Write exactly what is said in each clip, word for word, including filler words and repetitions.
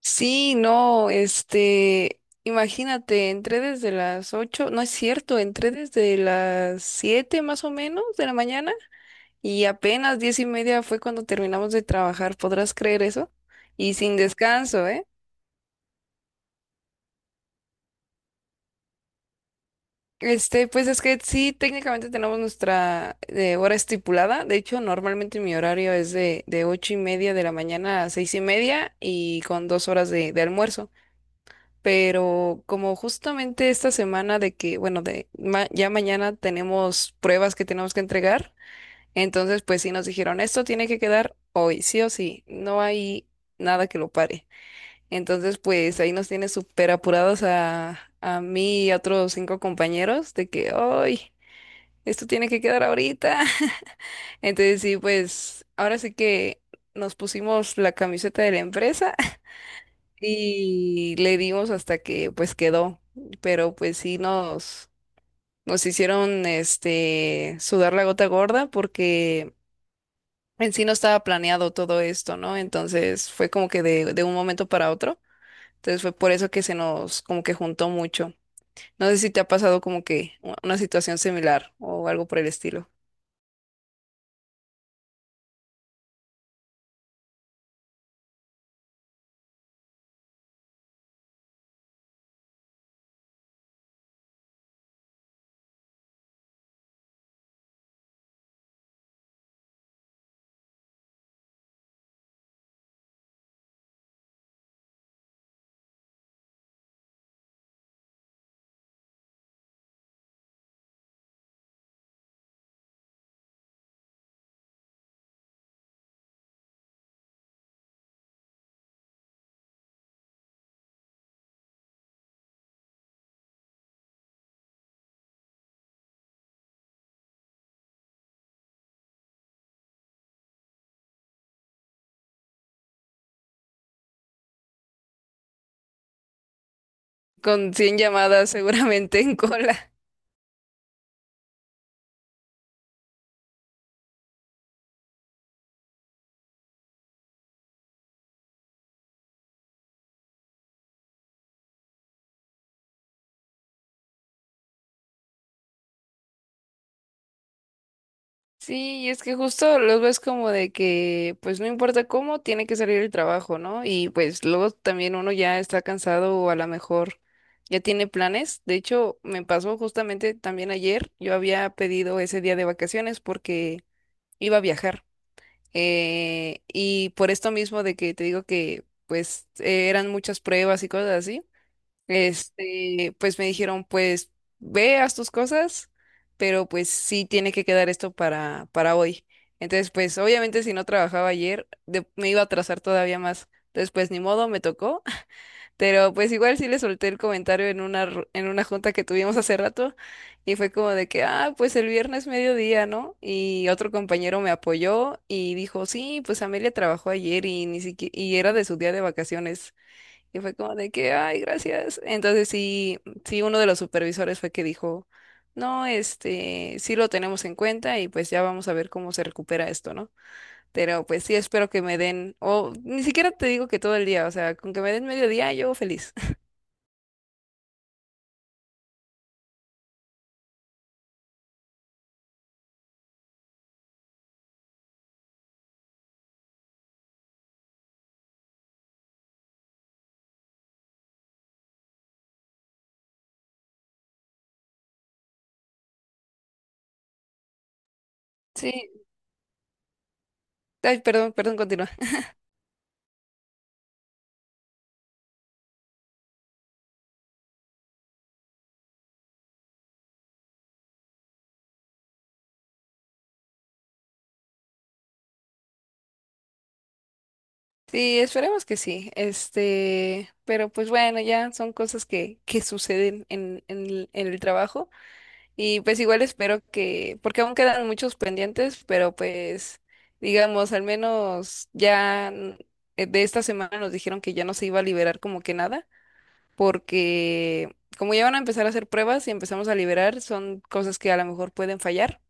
Sí, no, este, Imagínate, entré desde las ocho, no es cierto, entré desde las siete más o menos de la mañana y apenas diez y media fue cuando terminamos de trabajar, ¿podrás creer eso? Y sin descanso, ¿eh? Este, pues es que sí, técnicamente tenemos nuestra eh, hora estipulada, de hecho, normalmente mi horario es de, de ocho y media de la mañana a seis y media y con dos horas de, de almuerzo. Pero como justamente esta semana de que, bueno, de ma- ya mañana tenemos pruebas que tenemos que entregar, entonces pues sí nos dijeron, esto tiene que quedar hoy, sí o sí, no hay nada que lo pare. Entonces pues ahí nos tiene súper apurados a, a mí y a otros cinco compañeros de que, hoy, esto tiene que quedar ahorita. Entonces sí, pues ahora sí que nos pusimos la camiseta de la empresa y le dimos hasta que pues quedó, pero pues sí nos, nos hicieron este sudar la gota gorda porque en sí no estaba planeado todo esto, ¿no? Entonces fue como que de, de un momento para otro. Entonces fue por eso que se nos como que juntó mucho. No sé si te ha pasado como que u- una situación similar o algo por el estilo. Con cien llamadas seguramente en cola. Sí, y es que justo los ves como de que, pues no importa cómo, tiene que salir el trabajo, ¿no? Y pues luego también uno ya está cansado o a lo mejor ya tiene planes. De hecho, me pasó justamente también ayer, yo había pedido ese día de vacaciones porque iba a viajar. Eh, y por esto mismo de que te digo que pues eh, eran muchas pruebas y cosas así. Este, pues me dijeron, pues ve, haz tus cosas, pero pues sí tiene que quedar esto para, para hoy. Entonces, pues obviamente si no trabajaba ayer, de- me iba a atrasar todavía más. Entonces, pues ni modo, me tocó. Pero pues igual sí le solté el comentario en una, ru- en una junta que tuvimos hace rato y fue como de que, ah, pues el viernes mediodía, ¿no? Y otro compañero me apoyó y dijo, sí, pues Amelia trabajó ayer y ni siquiera, y era de su día de vacaciones. Y fue como de que, ay, gracias. Entonces sí, sí, uno de los supervisores fue que dijo, no, este, sí lo tenemos en cuenta y pues ya vamos a ver cómo se recupera esto, ¿no? Pero pues sí, espero que me den, o ni siquiera te digo que todo el día, o sea, con que me den medio día, yo feliz. Sí, ay, perdón, perdón, continúa. Sí, esperemos que sí, este, pero pues bueno, ya son cosas que, que suceden en, en el en el trabajo. Y pues igual espero que, porque aún quedan muchos pendientes, pero pues digamos, al menos ya n- eh, de esta semana nos dijeron que ya no se iba a liberar como que nada, porque como ya van a empezar a hacer pruebas y empezamos a liberar, son cosas que a lo mejor pueden fallar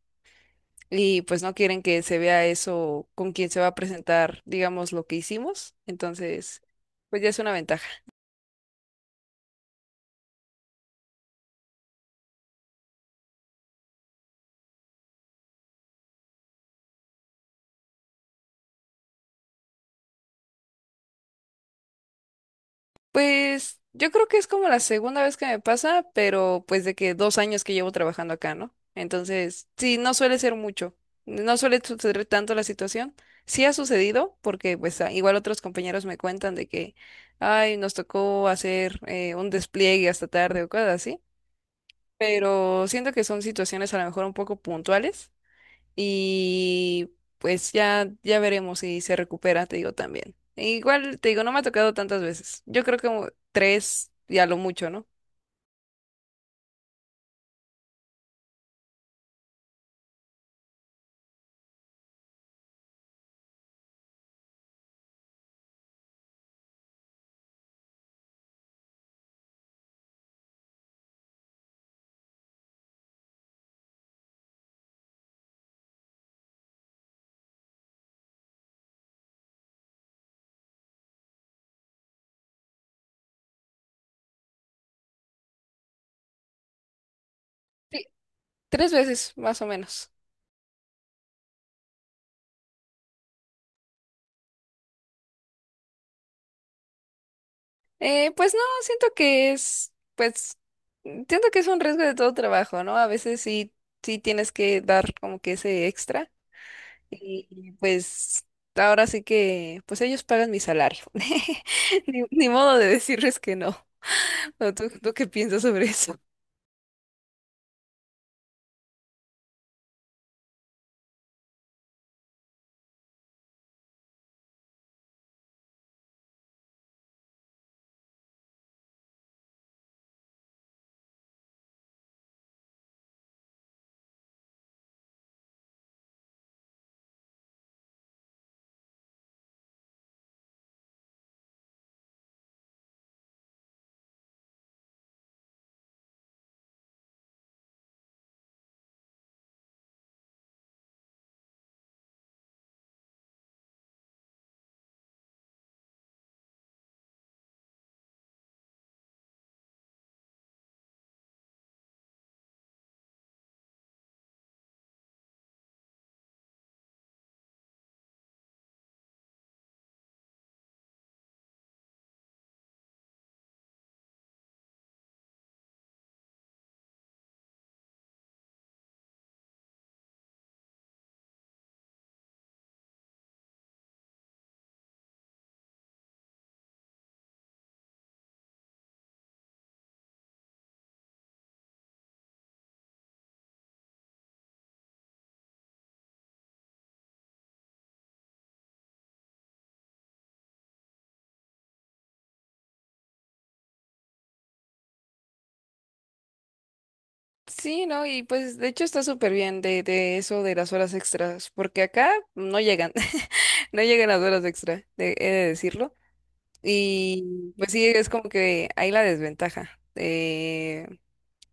y pues no quieren que se vea eso con quien se va a presentar, digamos, lo que hicimos. Entonces, pues ya es una ventaja. Pues yo creo que es como la segunda vez que me pasa, pero pues de que dos años que llevo trabajando acá, ¿no? Entonces, sí, no suele ser mucho, no suele suceder tanto la situación. Sí ha sucedido, porque pues a- igual otros compañeros me cuentan de que, ay, nos tocó hacer eh, un despliegue hasta tarde o cosas así, pero siento que son situaciones a lo mejor un poco puntuales y pues ya, ya veremos si se recupera, te digo también. E Igual, te digo, no me ha tocado tantas veces. Yo creo que como tres y a lo mucho, ¿no? Sí, tres veces, más o menos. Eh, pues no, siento que es, pues, mm, siento que es un riesgo de todo trabajo, ¿no? A veces sí, sí tienes que dar como que ese extra. Y y, pues ahora sí que, pues ellos pagan mi salario. Ni, ni modo de decirles que no. ¿O ¿Tú, tú qué piensas sobre eso? Sí, ¿no? Y pues de hecho está súper bien de, de eso de las horas extras, porque acá no llegan, no llegan las horas extra, de- he de decirlo. Y pues sí, es como que hay la desventaja. Eh,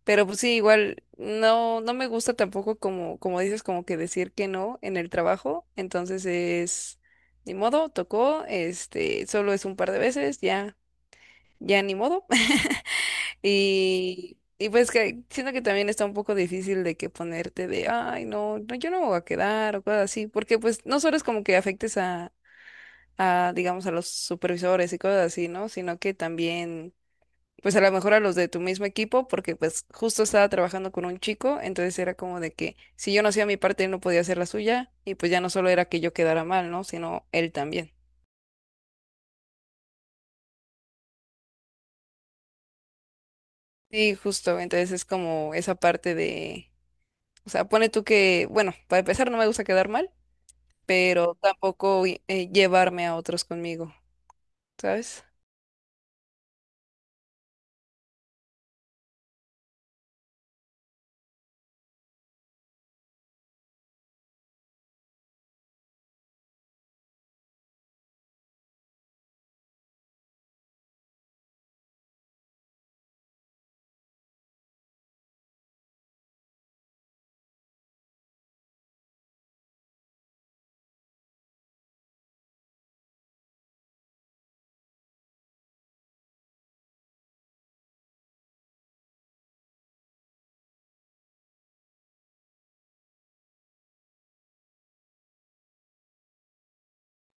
pero pues sí, igual no, no me gusta tampoco como, como dices, como que decir que no en el trabajo. Entonces es, ni modo, tocó, este, solo es un par de veces, ya, ya ni modo. Y, y pues que siento que también está un poco difícil de que ponerte de, ay, no, no, yo no me voy a quedar o cosas así, porque pues no solo es como que afectes a, a, digamos, a los supervisores y cosas así, ¿no? Sino que también, pues a lo mejor a los de tu mismo equipo, porque pues justo estaba trabajando con un chico, entonces era como de que si yo no hacía mi parte, él no podía hacer la suya, y pues ya no solo era que yo quedara mal, ¿no? Sino él también. Sí, justo, entonces es como esa parte de, o sea, pone tú que, bueno, para empezar no me gusta quedar mal. Pero tampoco eh, llevarme a otros conmigo, ¿sabes?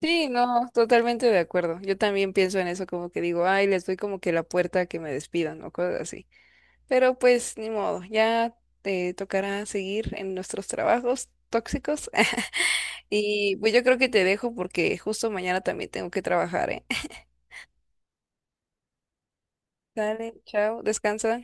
Sí, no, totalmente de acuerdo. Yo también pienso en eso como que digo, ay, les doy como que la puerta a que me despidan o cosas así. Pero pues ni modo, ya te tocará seguir en nuestros trabajos tóxicos. Y pues yo creo que te dejo porque justo mañana también tengo que trabajar, ¿eh? Dale, chao, descansa.